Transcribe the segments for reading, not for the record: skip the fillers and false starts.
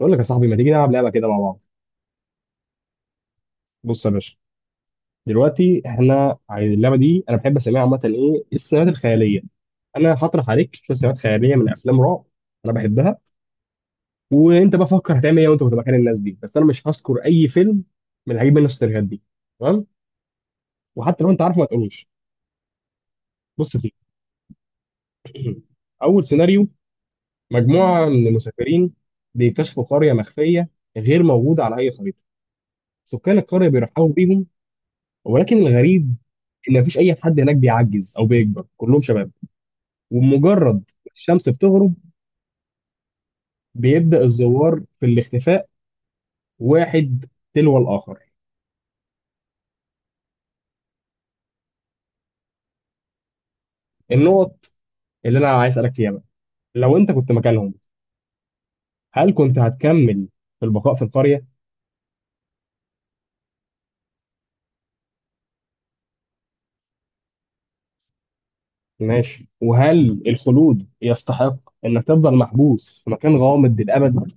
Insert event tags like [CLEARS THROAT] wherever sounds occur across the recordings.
بقول لك يا صاحبي، ما تيجي نلعب لعبه كده مع بعض؟ بص يا باشا، دلوقتي احنا اللعبه دي انا بحب اسميها عامه ايه، السيناريوهات الخياليه. انا هطرح عليك شويه سيناريوهات خياليه من افلام رعب انا بحبها، وانت بقى فكر هتعمل ايه وانت كنت مكان الناس دي. بس انا مش هذكر اي فيلم من اللي هجيب منه السيناريوهات دي، تمام؟ وحتى لو انت عارفه ما تقولوش. بص يا سيدي، [CLEARS THROAT] اول سيناريو: مجموعه من المسافرين بيكتشفوا قريه مخفيه غير موجوده على اي خريطه. سكان القريه بيرحبوا بيهم، ولكن الغريب اللي مفيش اي حد هناك بيعجز او بيكبر، كلهم شباب. ومجرد الشمس بتغرب بيبدا الزوار في الاختفاء، واحد تلو الاخر. النقط اللي انا عايز اسالك فيها بقى، لو انت كنت مكانهم، هل كنت هتكمل في البقاء في القريه؟ ماشي. وهل الخلود يستحق انك تفضل محبوس في مكان غامض للابد؟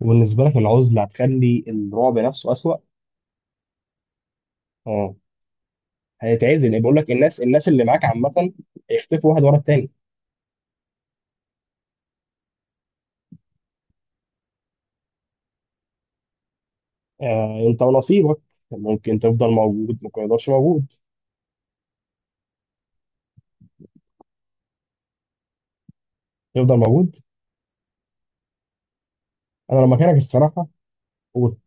وبالنسبه لك العزله هتخلي الرعب نفسه اسوأ؟ اه، هيتعزل، بيقول لك الناس اللي معاك عامه هيختفوا واحد ورا التاني. آه، انت ونصيبك، ممكن تفضل موجود ممكن ما يقدرش موجود. تفضل موجود. انا لو مكانك الصراحه، قول،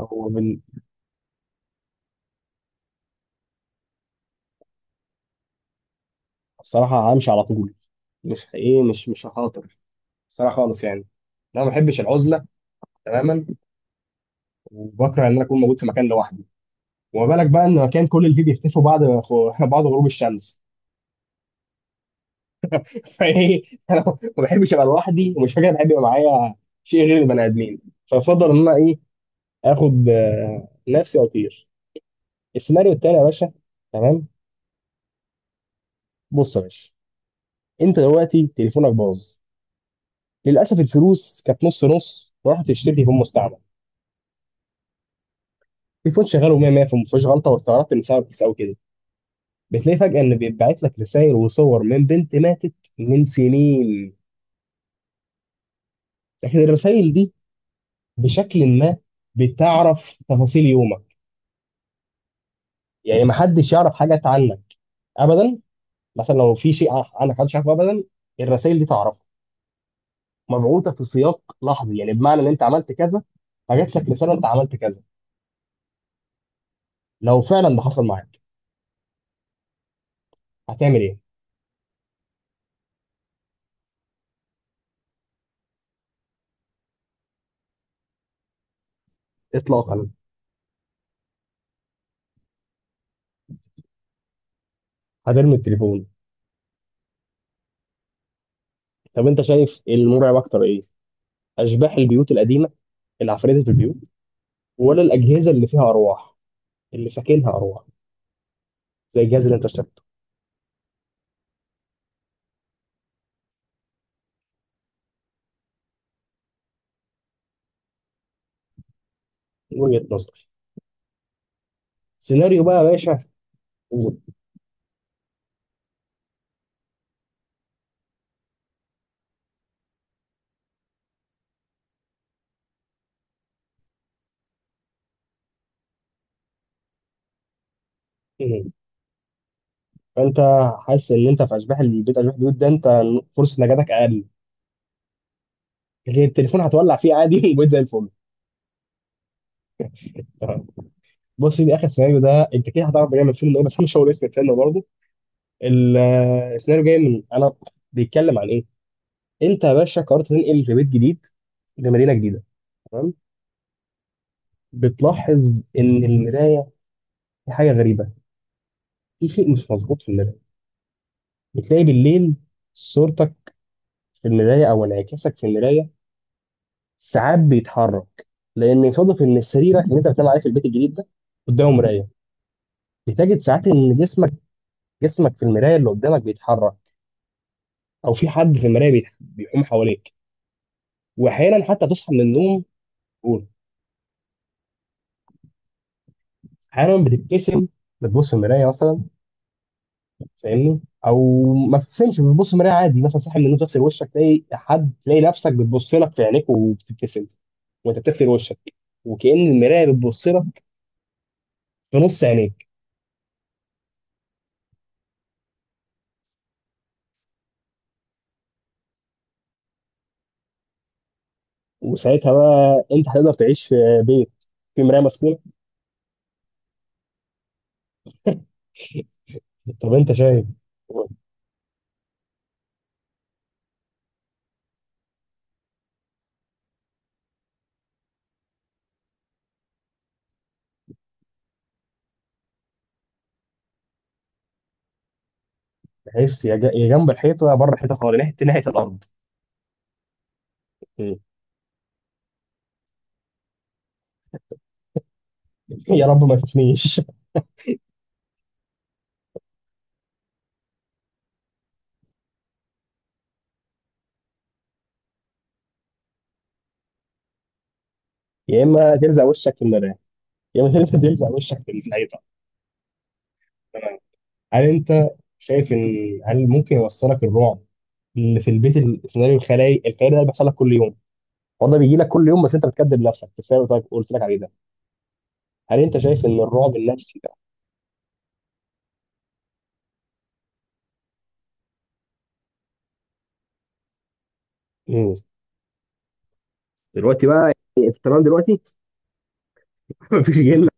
هو بال- الصراحه همشي على طول. مش ايه مش مش هخاطر الصراحه خالص، يعني انا ما بحبش العزله تماما، وبكره ان انا اكون موجود في مكان لوحدي. وما بالك بقى ان مكان كل اللي فيه بيختفوا بعد [LAUGHS] بعد غروب الشمس. [LAUGHS] فايه، انا ما بحبش ابقى لوحدي، ومش فاكر بحب يبقى معايا شيء غير البني ادمين، فافضل ان انا ايه، اخد آه، نفسي واطير. السيناريو التاني يا باشا، تمام. بص يا باشا، انت دلوقتي تليفونك باظ، للاسف الفلوس كانت نص نص، ورحت اشتري تليفون مستعمل. تليفون شغال 100 100، فما فيهوش غلطه، واستغربت ان سبب كيس او كده. بتلاقي فجاه ان بيتبعت لك رسائل وصور من بنت ماتت من سنين. لكن الرسائل دي بشكل ما بتعرف تفاصيل يومك، يعني ما حدش يعرف حاجات عنك ابدا، مثلا لو في شيء عنك محدش عارفه ابدا، الرسائل دي تعرفه. مبعوثه في سياق لحظي، يعني بمعنى ان انت عملت كذا فجات لك رساله انت عملت كذا. لو فعلا ده حصل معاك هتعمل ايه؟ اطلاقا. هترمي التليفون. طب انت شايف المرعب اكتر ايه؟ اشباح البيوت القديمه، العفاريت اللي في البيوت، ولا الاجهزه اللي فيها ارواح، اللي ساكنها ارواح، زي الجهاز اللي انت اشتريته؟ من وجهه نظري. سيناريو بقى يا باشا، قول. إيه؟ فانت حاسس ان انت في اشباح البيت، اشباح البيوت ده انت فرصه نجاتك اقل، لكن التليفون هتولع فيه عادي. [LAUGHS] وبقيت زي الفل. تمام. بص، دي اخر سيناريو، ده انت كده هتعرف جاي من فيلم ايه، بس انا مش هقول اسم الفيلم برضه. ال- السيناريو جاي من انا، بيتكلم عن ايه؟ انت يا باشا قررت تنقل في بيت جديد لمدينه جديده، تمام؟ بتلاحظ ان المرايه في حاجه غريبه، في شيء مش مظبوط في المرايه. بتلاقي بالليل صورتك في المرايه، او انعكاسك في المرايه ساعات بيتحرك. لان يصادف ان سريرك اللي انت بتنام عليه في البيت الجديد ده قدامه مرايه. بتجد ساعات ان جسمك، جسمك في المرايه اللي قدامك بيتحرك، او في حد في المرايه بيقوم حواليك. واحيانا حتى تصحى من النوم، تقول، احيانا بتبتسم. بتبص في المرايه مثلا، فاهمني؟ او ما تبتسمش، بتبص في مرايه عادي مثلا، صاحي من النوم تغسل وشك، تلاقي حد، تلاقي نفسك بتبص لك في عينيك وبتبتسم وانت بتغسل وشك، وكأن المرايه بتبص لك في نص عينيك. وساعتها بقى انت هتقدر تعيش في بيت في مرايه مسكونه؟ طب انت شايف، تحس يا جنب الحيطه، يا بره الحيطه خالص، ناحيه الارض. م. [LAUGHS] يا رب ما تشوفنيش. [LAUGHS] يا اما تلزق وشك في المرايه، يا اما تلزق وشك في الحيطه. هل انت شايف ان هل ممكن يوصلك الرعب اللي في البيت، السيناريو الخيالي ده اللي بيحصل لك كل يوم؟ هو ده بيجي لك كل يوم، بس انت بتكذب نفسك في السيناريو اللي قلت لك عليه ده. هل انت شايف ان الرعب النفسي ده، مم، دلوقتي بقى، يعني في التمام دلوقتي، [LAUGHS] مفيش جن؟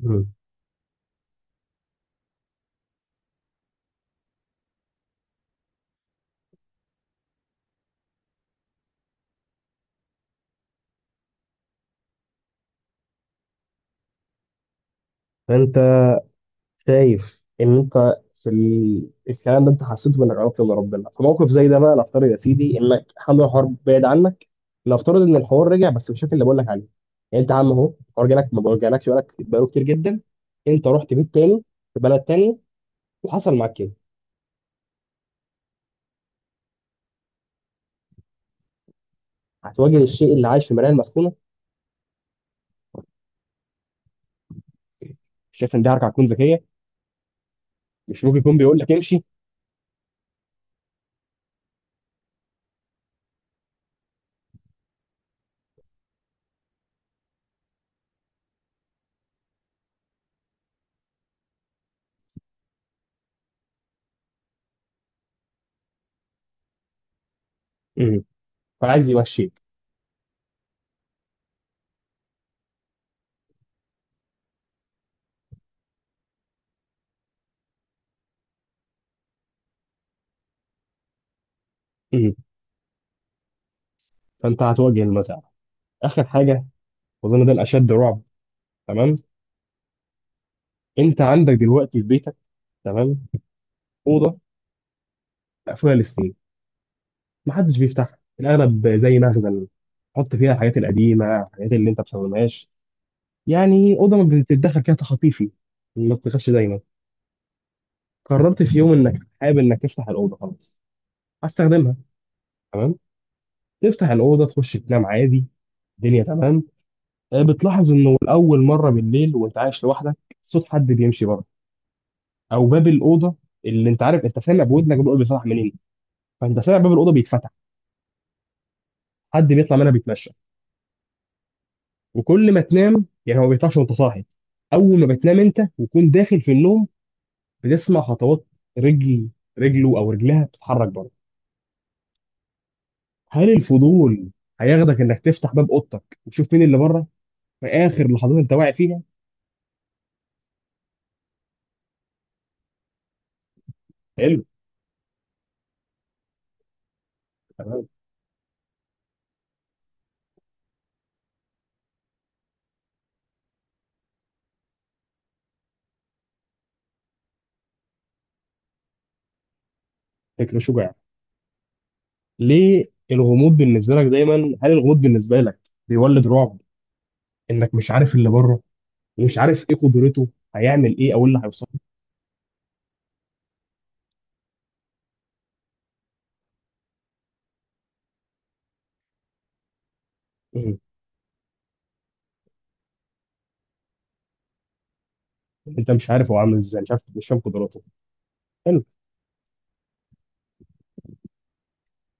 مم. فانت شايف ان انت في الكلام ده انت حسيته بانك قربت من ربنا، في موقف زي ده بقى نفترض يا سيدي انك حمل الحوار بعيد عنك، نفترض ان الحوار رجع بس بالشكل اللي بقول لك عليه. يعني انت يا عم اهو الحوار جالك ما جالكش، بالك بقاله كتير جدا، انت رحت بيت تاني في بلد تاني وحصل معاك كده، هتواجه الشيء اللي عايش في مرايه المسكونه. شايف ان دي حركه هتكون ذكيه؟ مش ممكن يكون بيقول لك امشي؟ امم، فعايز يمشيك. امم، فانت هتواجه المساله. اخر حاجه، واظن ده الاشد رعب. تمام. انت عندك دلوقتي في بيتك، تمام، اوضه مقفوله للسنين، محدش بيفتحها، الاغلب زي مخزن تحط فيها الحاجات القديمه، الحاجات اللي انت ما بتستخدمهاش، يعني اوضه ما بتتدخل فيها تخطيفي، ما بتدخلش دايما. قررت في يوم انك حابب انك تفتح الاوضه، خلاص هستخدمها، تمام. تفتح الاوضه تخش تنام عادي، الدنيا تمام. آه، بتلاحظ انه لاول مره بالليل، وانت عايش لوحدك، صوت حد بيمشي بره، او باب الاوضه اللي انت عارف انت سامع بودنك بيقول بيفتح منين، فانت سامع باب الاوضه بيتفتح، حد بيطلع منها بيتمشى. وكل ما تنام يعني هو ما بيطلعش وانت صاحي، اول ما بتنام انت وتكون داخل في النوم بتسمع خطوات رجل، رجله او رجلها بتتحرك بره. هل الفضول هياخدك انك تفتح باب اوضتك وتشوف مين اللي بره في اخر لحظات انت واعي فيها؟ حلو، تمام. فكره شجاع، ليه؟ الغموض بالنسبه لك دايما، هل الغموض بالنسبه لك بيولد رعب، انك مش عارف اللي بره، ومش عارف ايه قدرته، هيعمل ايه او إيه اللي هيوصل له؟ انت مش عارف هو عامل ازاي، مش عارف، مش فاهم قدراته.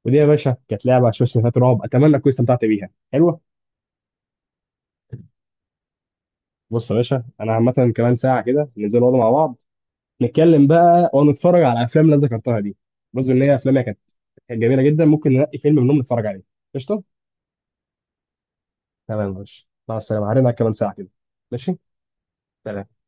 ودي يا باشا كانت لعبه شويه سيناريوهات رعب، اتمنى تكون استمتعت بيها، حلوه. بص يا باشا، انا عامه كمان ساعه كده ننزل نقعد مع بعض، نتكلم بقى ونتفرج على الافلام اللي أنا ذكرتها دي، بس ان هي افلامها كانت جميله جدا، ممكن ننقي فيلم منهم نتفرج عليه، قشطه. تمام يا باشا، مع السلامه، هرجع كمان ساعه كده. ماشي، سلام.